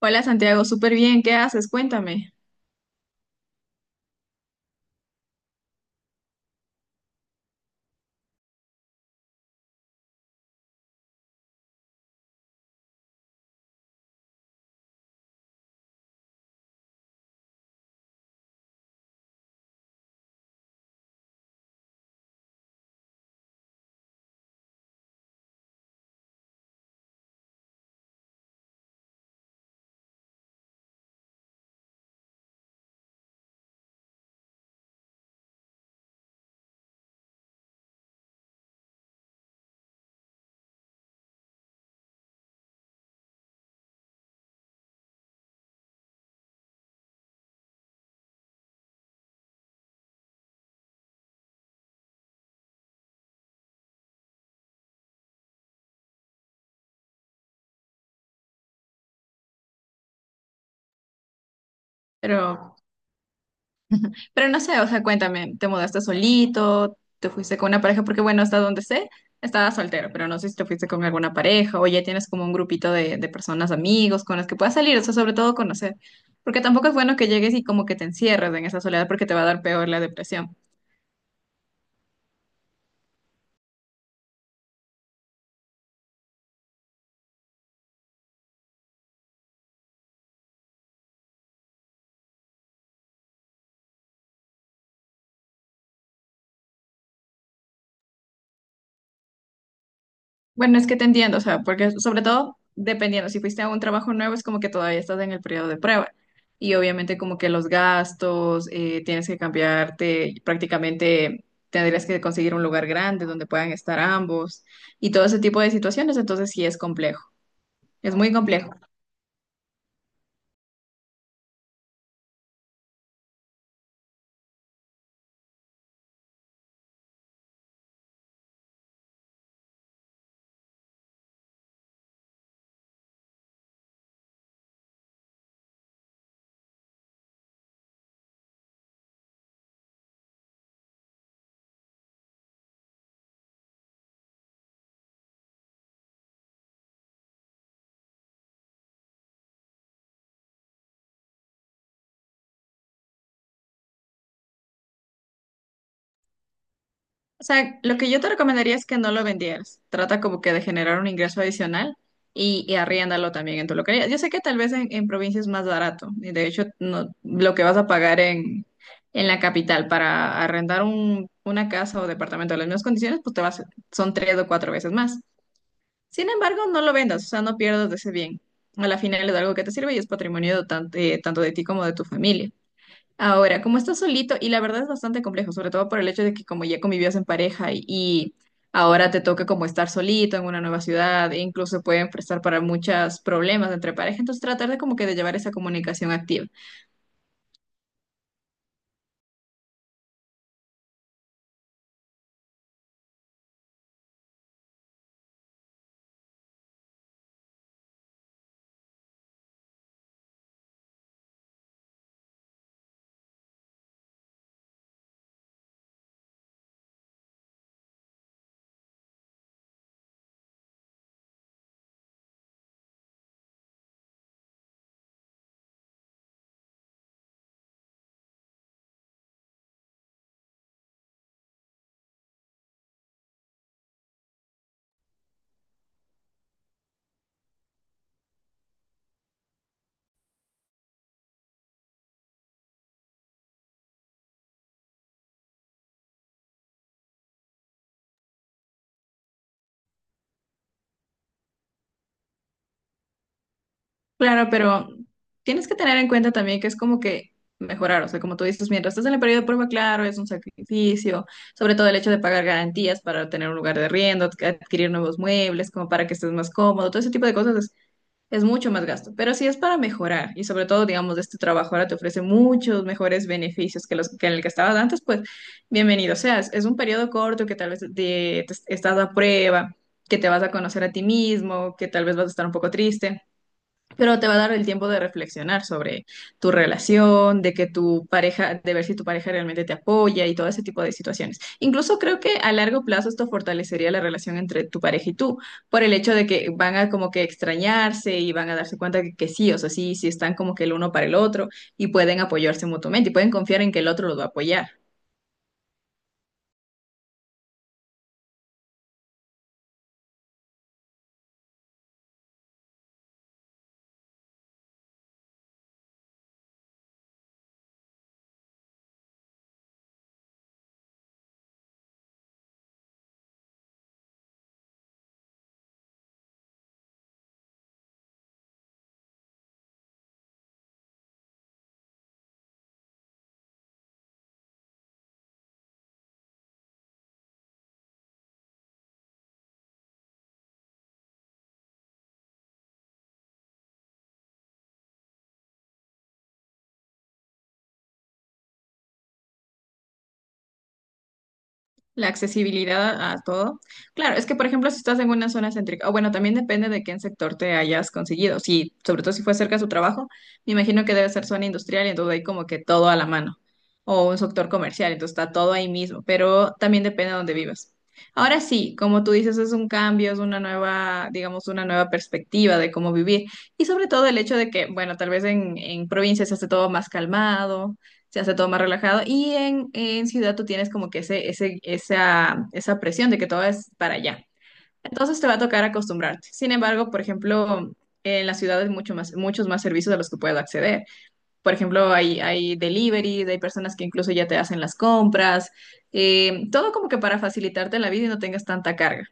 Hola Santiago, súper bien, ¿qué haces? Cuéntame. Pero, pero no sé, o sea, cuéntame, ¿te mudaste solito? ¿Te fuiste con una pareja? Porque bueno, hasta donde sé, estabas soltero, pero no sé si te fuiste con alguna pareja o ya tienes como un grupito de personas, amigos con las que puedas salir, o sea, sobre todo conocer. Porque tampoco es bueno que llegues y como que te encierres en esa soledad porque te va a dar peor la depresión. Bueno, es que te entiendo, o sea, porque sobre todo dependiendo, si fuiste a un trabajo nuevo es como que todavía estás en el periodo de prueba y obviamente como que los gastos, tienes que cambiarte, prácticamente tendrías que conseguir un lugar grande donde puedan estar ambos y todo ese tipo de situaciones, entonces sí es complejo, es muy complejo. O sea, lo que yo te recomendaría es que no lo vendieras. Trata como que de generar un ingreso adicional y arriéndalo también en tu localidad. Yo sé que tal vez en provincia es más barato y de hecho no, lo que vas a pagar en la capital para arrendar una casa o departamento en las mismas condiciones, pues te vas, son tres o cuatro veces más. Sin embargo, no lo vendas, o sea, no pierdas de ese bien. A la final es algo que te sirve y es patrimonio tanto, tanto de ti como de tu familia. Ahora, como estás solito, y la verdad es bastante complejo, sobre todo por el hecho de que como ya convivías en pareja y ahora te toca como estar solito en una nueva ciudad, e incluso pueden prestar para muchos problemas entre pareja, entonces tratar de como que de llevar esa comunicación activa. Claro, pero tienes que tener en cuenta también que es como que mejorar, o sea, como tú dices, mientras estás en el periodo de prueba, claro, es un sacrificio, sobre todo el hecho de pagar garantías para tener un lugar de arriendo, adquirir nuevos muebles, como para que estés más cómodo, todo ese tipo de cosas. Es mucho más gasto, pero sí es para mejorar y sobre todo, digamos, este trabajo ahora te ofrece muchos mejores beneficios que los que en el que estabas antes, pues bienvenido seas. Es un periodo corto que tal vez estás a prueba, que te vas a conocer a ti mismo, que tal vez vas a estar un poco triste pero te va a dar el tiempo de reflexionar sobre tu relación, de que tu pareja, de ver si tu pareja realmente te apoya y todo ese tipo de situaciones. Incluso creo que a largo plazo esto fortalecería la relación entre tu pareja y tú, por el hecho de que van a como que extrañarse y van a darse cuenta que sí, o sea, sí, sí están como que el uno para el otro y pueden apoyarse mutuamente y pueden confiar en que el otro los va a apoyar. La accesibilidad a todo. Claro, es que por ejemplo, si estás en una zona céntrica, o bueno, también depende de qué en sector te hayas conseguido. Si, sobre todo si fue cerca de su trabajo, me imagino que debe ser zona industrial y entonces hay como que todo a la mano. O un sector comercial, entonces está todo ahí mismo, pero también depende de dónde vivas. Ahora sí, como tú dices, es un cambio, es una nueva, digamos, una nueva perspectiva de cómo vivir. Y sobre todo el hecho de que, bueno, tal vez en provincias se hace todo más calmado, se hace todo más relajado. Y en ciudad tú tienes como que esa presión de que todo es para allá. Entonces te va a tocar acostumbrarte. Sin embargo, por ejemplo, en las ciudades mucho más, muchos más servicios a los que puedo acceder. Por ejemplo, hay deliveries, hay personas que incluso ya te hacen las compras, todo como que para facilitarte la vida y no tengas tanta carga.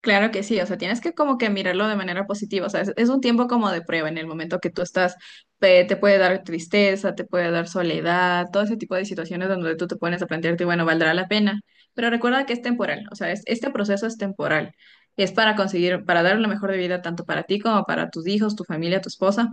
Claro que sí, o sea, tienes que como que mirarlo de manera positiva, o sea, es un tiempo como de prueba en el momento que tú estás, te puede dar tristeza, te puede dar soledad, todo ese tipo de situaciones donde tú te pones a plantearte, bueno, ¿valdrá la pena? Pero recuerda que es temporal, o sea, este proceso es temporal, es para conseguir, para dar lo mejor de vida tanto para ti como para tus hijos, tu familia, tu esposa,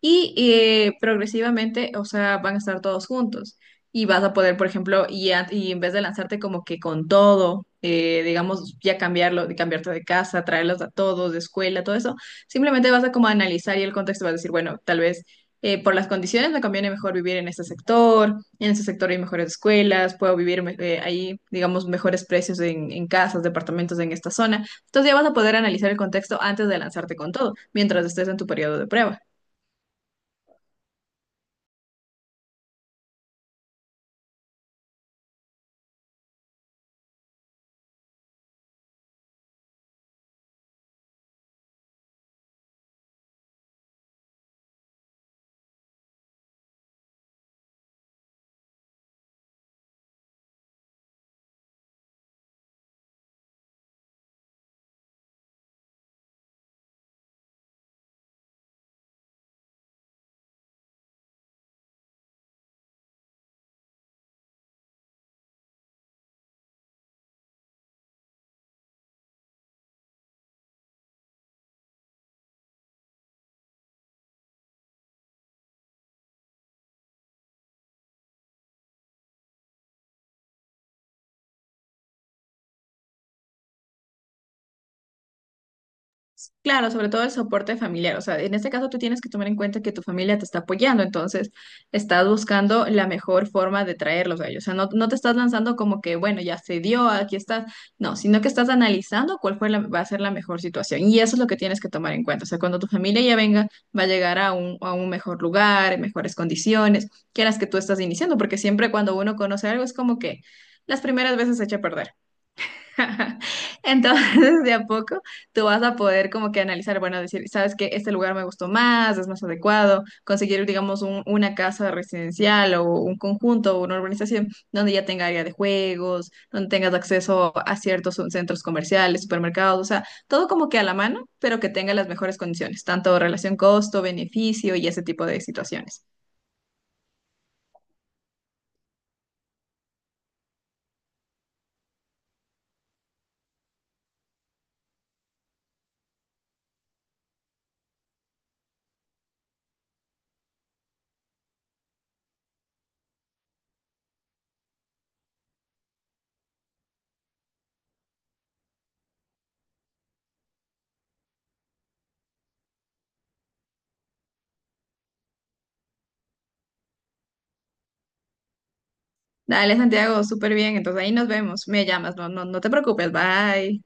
y progresivamente, o sea, van a estar todos juntos y vas a poder, por ejemplo, y en vez de lanzarte como que con todo, digamos, ya cambiarlo, de cambiarte de casa, traerlos a todos, de escuela, todo eso, simplemente vas a como analizar y el contexto vas a decir, bueno, tal vez por las condiciones me conviene mejor vivir en este sector hay mejores escuelas, puedo ahí, digamos, mejores precios en casas, departamentos en esta zona. Entonces ya vas a poder analizar el contexto antes de lanzarte con todo, mientras estés en tu periodo de prueba. Claro, sobre todo el soporte familiar. O sea, en este caso tú tienes que tomar en cuenta que tu familia te está apoyando, entonces estás buscando la mejor forma de traerlos a ellos. O sea, no, no te estás lanzando como que, bueno, ya se dio, aquí estás. No, sino que estás analizando cuál fue va a ser la mejor situación. Y eso es lo que tienes que tomar en cuenta. O sea, cuando tu familia ya venga, va a llegar a un mejor lugar, en mejores condiciones, que las que tú estás iniciando, porque siempre cuando uno conoce algo es como que las primeras veces se echa a perder. Entonces, de a poco, tú vas a poder como que analizar, bueno, decir, sabes que este lugar me gustó más, es más adecuado, conseguir, digamos, una casa residencial o un conjunto o una urbanización donde ya tenga área de juegos, donde tengas acceso a ciertos centros comerciales, supermercados, o sea, todo como que a la mano, pero que tenga las mejores condiciones, tanto relación costo-beneficio y ese tipo de situaciones. Dale, Santiago, súper bien, entonces ahí nos vemos, me llamas, no, no, no te preocupes, bye.